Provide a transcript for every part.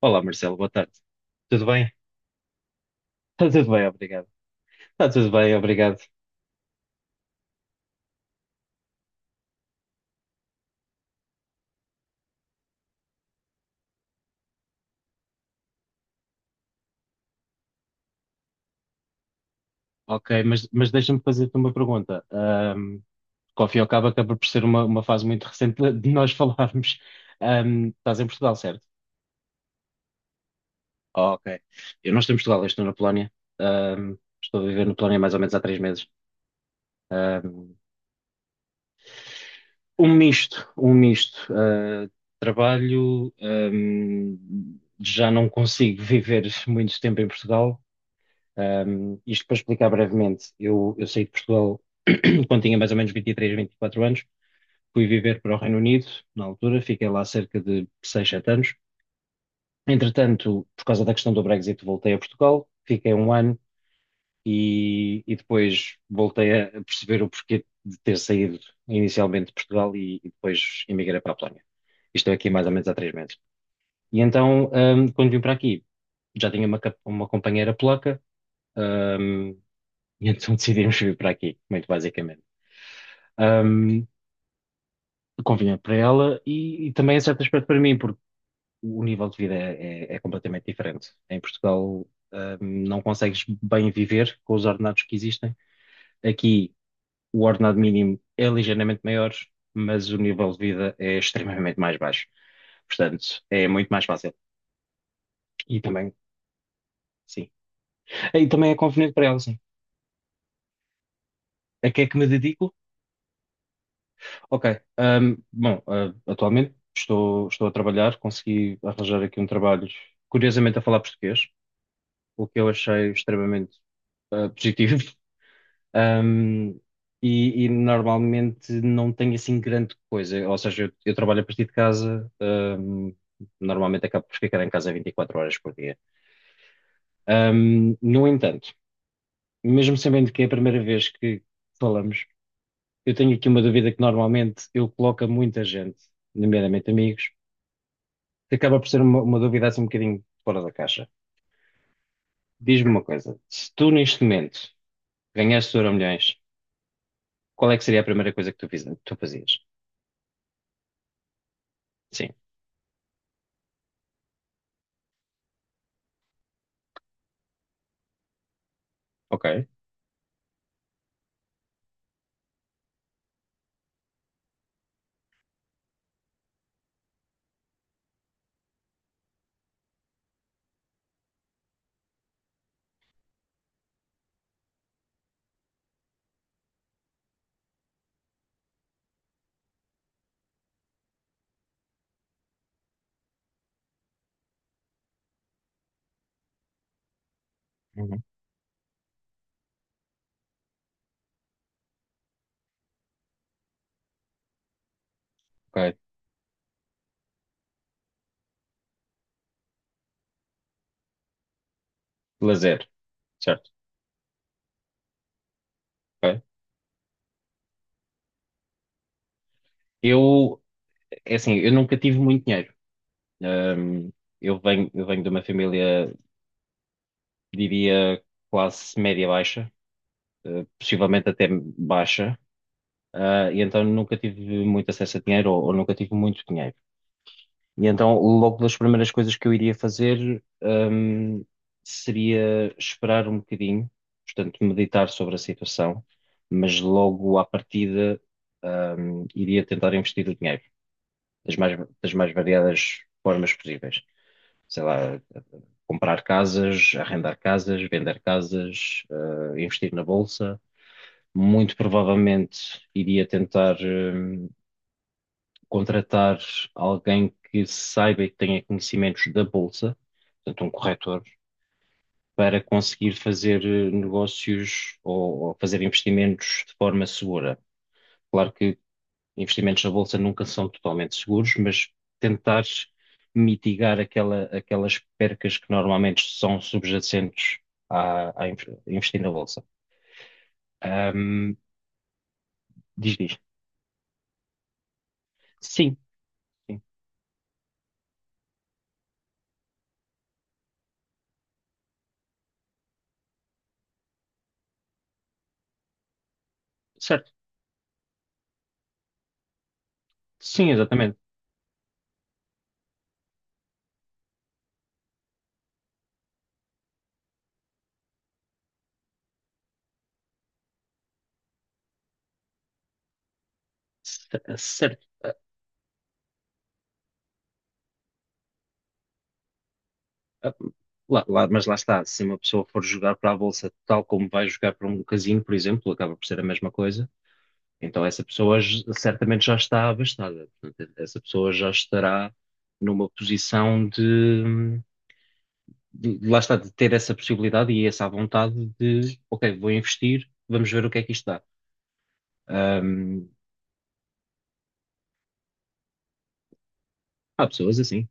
Olá Marcelo, boa tarde. Tudo bem? Está tudo bem, obrigado. Está tudo bem, obrigado. Ok, mas deixa-me fazer-te uma pergunta. Que ao fim e ao cabo acaba por ser uma fase muito recente de nós falarmos. Estás em Portugal, certo? Oh, ok. Eu não estou em Portugal, eu estou na Polónia. Estou a viver na Polónia mais ou menos há 3 meses. Ahm, Um misto, um misto. Trabalho, já não consigo viver muito tempo em Portugal. Isto para explicar brevemente, eu saí de Portugal quando tinha mais ou menos vinte e quatro anos, fui viver para o Reino Unido, na altura, fiquei lá cerca de 6 7 anos. Entretanto, por causa da questão do Brexit, voltei a Portugal, fiquei um ano e depois voltei a perceber o porquê de ter saído inicialmente de Portugal e depois emigrei para a Polónia. E estou aqui mais ou menos há 3 meses. E então, quando vim para aqui, já tinha uma companheira polaca. um, E então decidimos vir para aqui, muito basicamente. Ahm, Convinha para ela e também, em certo aspecto, para mim, porque o nível de vida é completamente diferente. Em Portugal, ahm, não consegues bem viver com os ordenados que existem. Aqui, o ordenado mínimo é ligeiramente maior, mas o nível de vida é extremamente mais baixo. Portanto, é muito mais fácil. E também, sim. E também é conveniente para ela, sim. A que é que me dedico? Ok. Bom, atualmente estou a trabalhar, consegui arranjar aqui um trabalho, curiosamente a falar português, o que eu achei extremamente positivo. Ahm, e normalmente não tenho assim grande coisa, ou seja, eu trabalho a partir de casa, normalmente acabo por ficar em casa 24 horas por dia. No entanto, mesmo sabendo que é a primeira vez que falamos, eu tenho aqui uma dúvida que normalmente eu coloco a muita gente, nomeadamente amigos, que acaba por ser uma dúvida assim um bocadinho fora da caixa. Diz-me uma coisa, se tu neste momento ganhasses o Euromilhões, qual é que seria a primeira coisa que tu fazias? Sim, ok. Uhum. Ok. Lazer, certo. Ok. Eu, é assim, eu nunca tive muito dinheiro. Ahm, eu venho de uma família, diria, classe média-baixa, possivelmente até baixa. E então nunca tive muito acesso a dinheiro ou nunca tive muito dinheiro. E então, logo das primeiras coisas que eu iria fazer, seria esperar um bocadinho, portanto, meditar sobre a situação, mas logo à partida, iria tentar investir o dinheiro das mais variadas formas possíveis. Sei lá, comprar casas, arrendar casas, vender casas, investir na bolsa. Muito provavelmente iria tentar, contratar alguém que saiba e que tenha conhecimentos da bolsa, portanto, um corretor, para conseguir fazer negócios ou fazer investimentos de forma segura. Claro que investimentos na bolsa nunca são totalmente seguros, mas tentar mitigar aquelas percas que normalmente são subjacentes a investir na bolsa. Ahm, Diz, diz. Sim, sim. Certo. Sim, exatamente. Cer- Ah, mas lá está, se uma pessoa for jogar para a bolsa tal como vai jogar para um casino, por exemplo, acaba por ser a mesma coisa, então essa pessoa certamente já está abastada. Portanto, essa pessoa já estará numa posição lá está, de ter essa possibilidade e essa vontade de, ok, vou investir, vamos ver o que é que isto dá. Ahm, Há pessoas assim,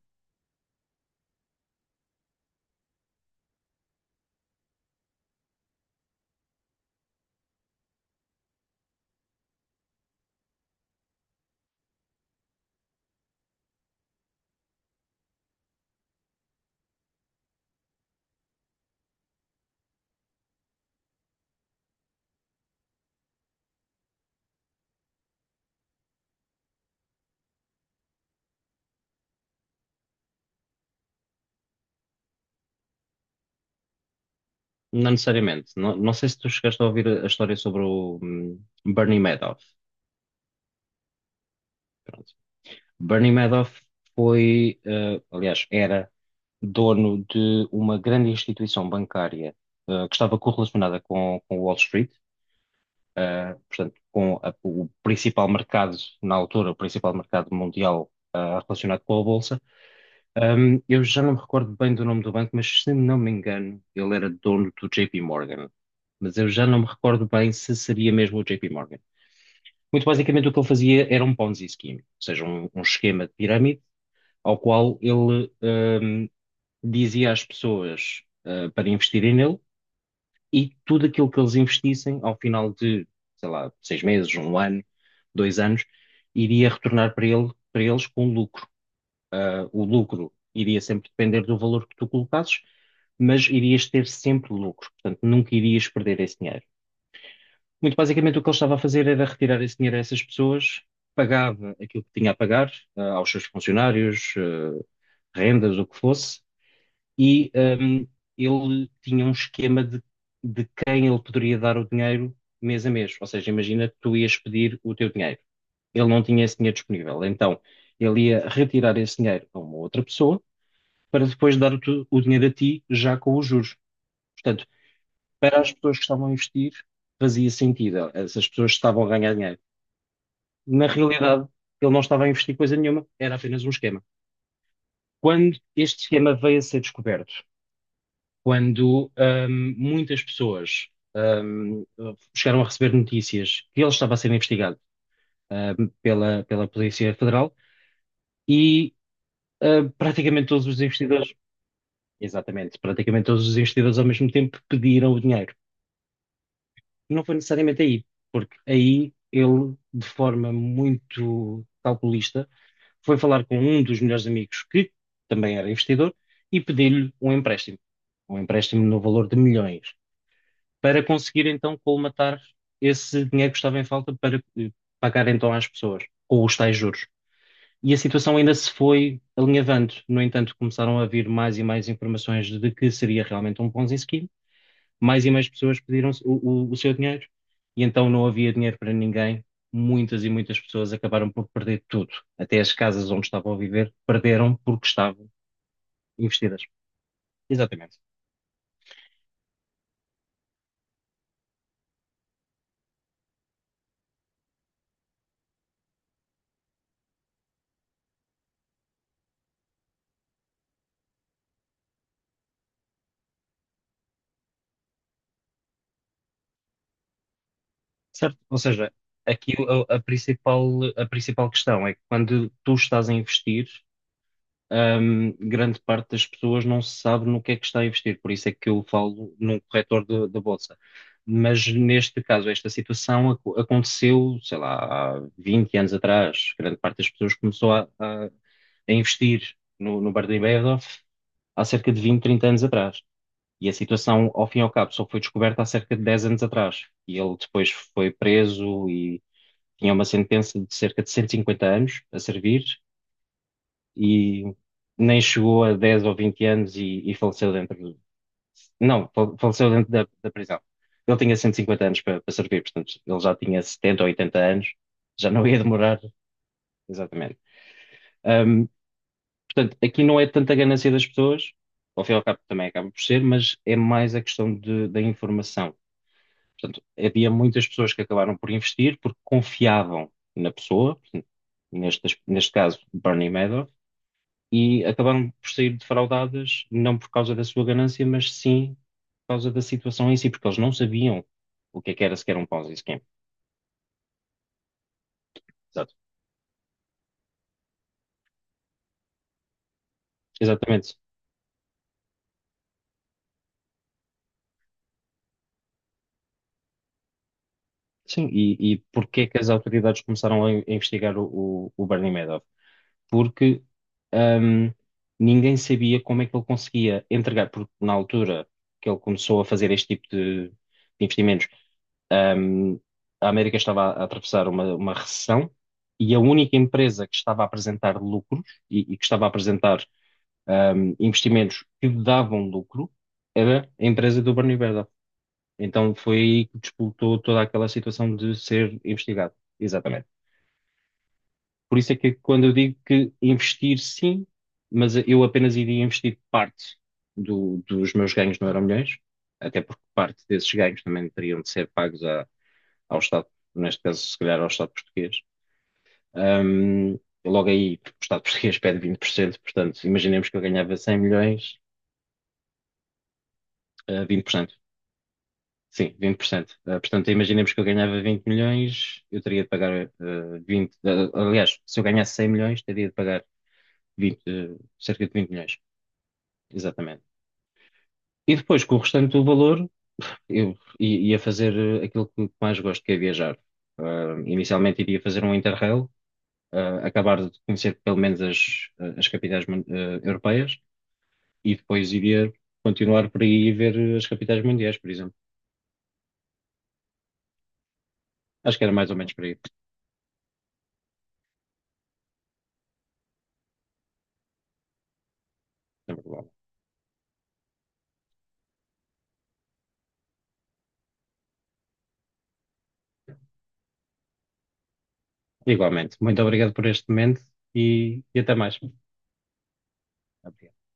não necessariamente. Não, não sei se tu chegaste a ouvir a história sobre o Bernie Madoff. Bernie Madoff foi, aliás, era dono de uma grande instituição bancária, que estava correlacionada com Wall Street, portanto, com o principal mercado, na altura, o principal mercado mundial, relacionado com a Bolsa. Eu já não me recordo bem do nome do banco, mas se não me engano, ele era dono do JP Morgan. Mas eu já não me recordo bem se seria mesmo o JP Morgan. Muito basicamente, o que ele fazia era um Ponzi scheme, ou seja, um esquema de pirâmide ao qual ele dizia às pessoas para investirem nele, e tudo aquilo que eles investissem ao final de, sei lá, 6 meses, um ano, 2 anos, iria retornar para ele, para eles com lucro. O lucro iria sempre depender do valor que tu colocasses, mas irias ter sempre lucro, portanto, nunca irias perder esse dinheiro. Muito basicamente o que ele estava a fazer era retirar esse dinheiro a essas pessoas, pagava aquilo que tinha a pagar, aos seus funcionários, rendas, o que fosse, e hum, ele tinha um esquema de quem ele poderia dar o dinheiro mês a mês. Ou seja, imagina que tu ias pedir o teu dinheiro. Ele não tinha esse dinheiro disponível. Então, ele ia retirar esse dinheiro a uma outra pessoa para depois dar o dinheiro a ti já com os juros. Portanto, para as pessoas que estavam a investir, fazia sentido. Essas pessoas estavam a ganhar dinheiro. Na realidade, ele não estava a investir coisa nenhuma, era apenas um esquema. Quando este esquema veio a ser descoberto, quando muitas pessoas ahm, chegaram a receber notícias que ele estava a ser investigado, pela Polícia Federal e praticamente todos os investidores, exatamente, praticamente todos os investidores ao mesmo tempo pediram o dinheiro. Não foi necessariamente aí, porque aí ele, de forma muito calculista, foi falar com um dos melhores amigos que também era investidor e pediu-lhe um empréstimo. Um empréstimo no valor de milhões. Para conseguir então colmatar esse dinheiro que estava em falta para pagar então às pessoas, com os tais juros. E a situação ainda se foi alinhavando. No entanto, começaram a vir mais e mais informações de que seria realmente um Ponzi scheme. Mais e mais pessoas pediram o seu dinheiro e então não havia dinheiro para ninguém. Muitas e muitas pessoas acabaram por perder tudo. Até as casas onde estavam a viver perderam porque estavam investidas. Exatamente. Certo? Ou seja, aqui a, a principal, a principal questão é que quando tu estás a investir, grande parte das pessoas não sabe no que é que está a investir, por isso é que eu falo num corretor da bolsa. Mas neste caso, esta situação aconteceu, sei lá, há 20 anos atrás. Grande parte das pessoas começou a investir no Bernie Madoff há cerca de 20, 30 anos atrás. E a situação, ao fim e ao cabo, só foi descoberta há cerca de 10 anos atrás. E ele depois foi preso, tinha uma sentença de cerca de 150 anos a servir e nem chegou a 10 ou 20 anos e faleceu dentro. Não, faleceu dentro da prisão. Ele tinha 150 anos para, para servir, portanto, ele já tinha 70 ou 80 anos, já não ia demorar, exatamente. Ahm, Portanto, aqui não é tanta ganância das pessoas, ao fim e ao cabo também acaba por ser, mas é mais a questão da informação. Portanto, havia muitas pessoas que acabaram por investir porque confiavam na pessoa, portanto, neste caso Bernie Madoff, e acabaram por sair defraudadas, não por causa da sua ganância, mas sim por causa da situação em si, porque eles não sabiam o que é que era sequer um Ponzi scheme. Exato. Exatamente. Sim, e porque é que as autoridades começaram a investigar o Bernie Madoff? Porque hum, ninguém sabia como é que ele conseguia entregar, porque na altura que ele começou a fazer este tipo de investimentos, hum, a América estava a atravessar uma recessão e a única empresa que estava a apresentar lucros e que estava a apresentar investimentos que davam lucro era a empresa do Bernie Madoff. Então foi aí que disputou toda aquela situação de ser investigado. Exatamente. Por isso é que quando eu digo que investir sim, mas eu apenas iria investir parte dos meus ganhos no Euromilhões, até porque parte desses ganhos também teriam de ser pagos ao Estado, neste caso, se calhar ao Estado português. Ahm, Logo aí, o Estado português pede 20%, portanto, imaginemos que eu ganhava 100 milhões. 20%. Sim, 20%. Portanto, imaginemos que eu ganhava 20 milhões, eu teria de pagar 20. Aliás, se eu ganhasse 100 milhões, teria de pagar 20, cerca de 20 milhões. Exatamente. E depois, com o restante do valor, eu ia fazer aquilo que mais gosto, que é viajar. Inicialmente iria fazer um Interrail, acabar de conhecer pelo menos as, as capitais europeias e depois iria continuar por aí e ver as capitais mundiais, por exemplo. Acho que era mais ou menos por aí. Sem problema. Igualmente. Muito obrigado por este momento e até mais. Obrigado.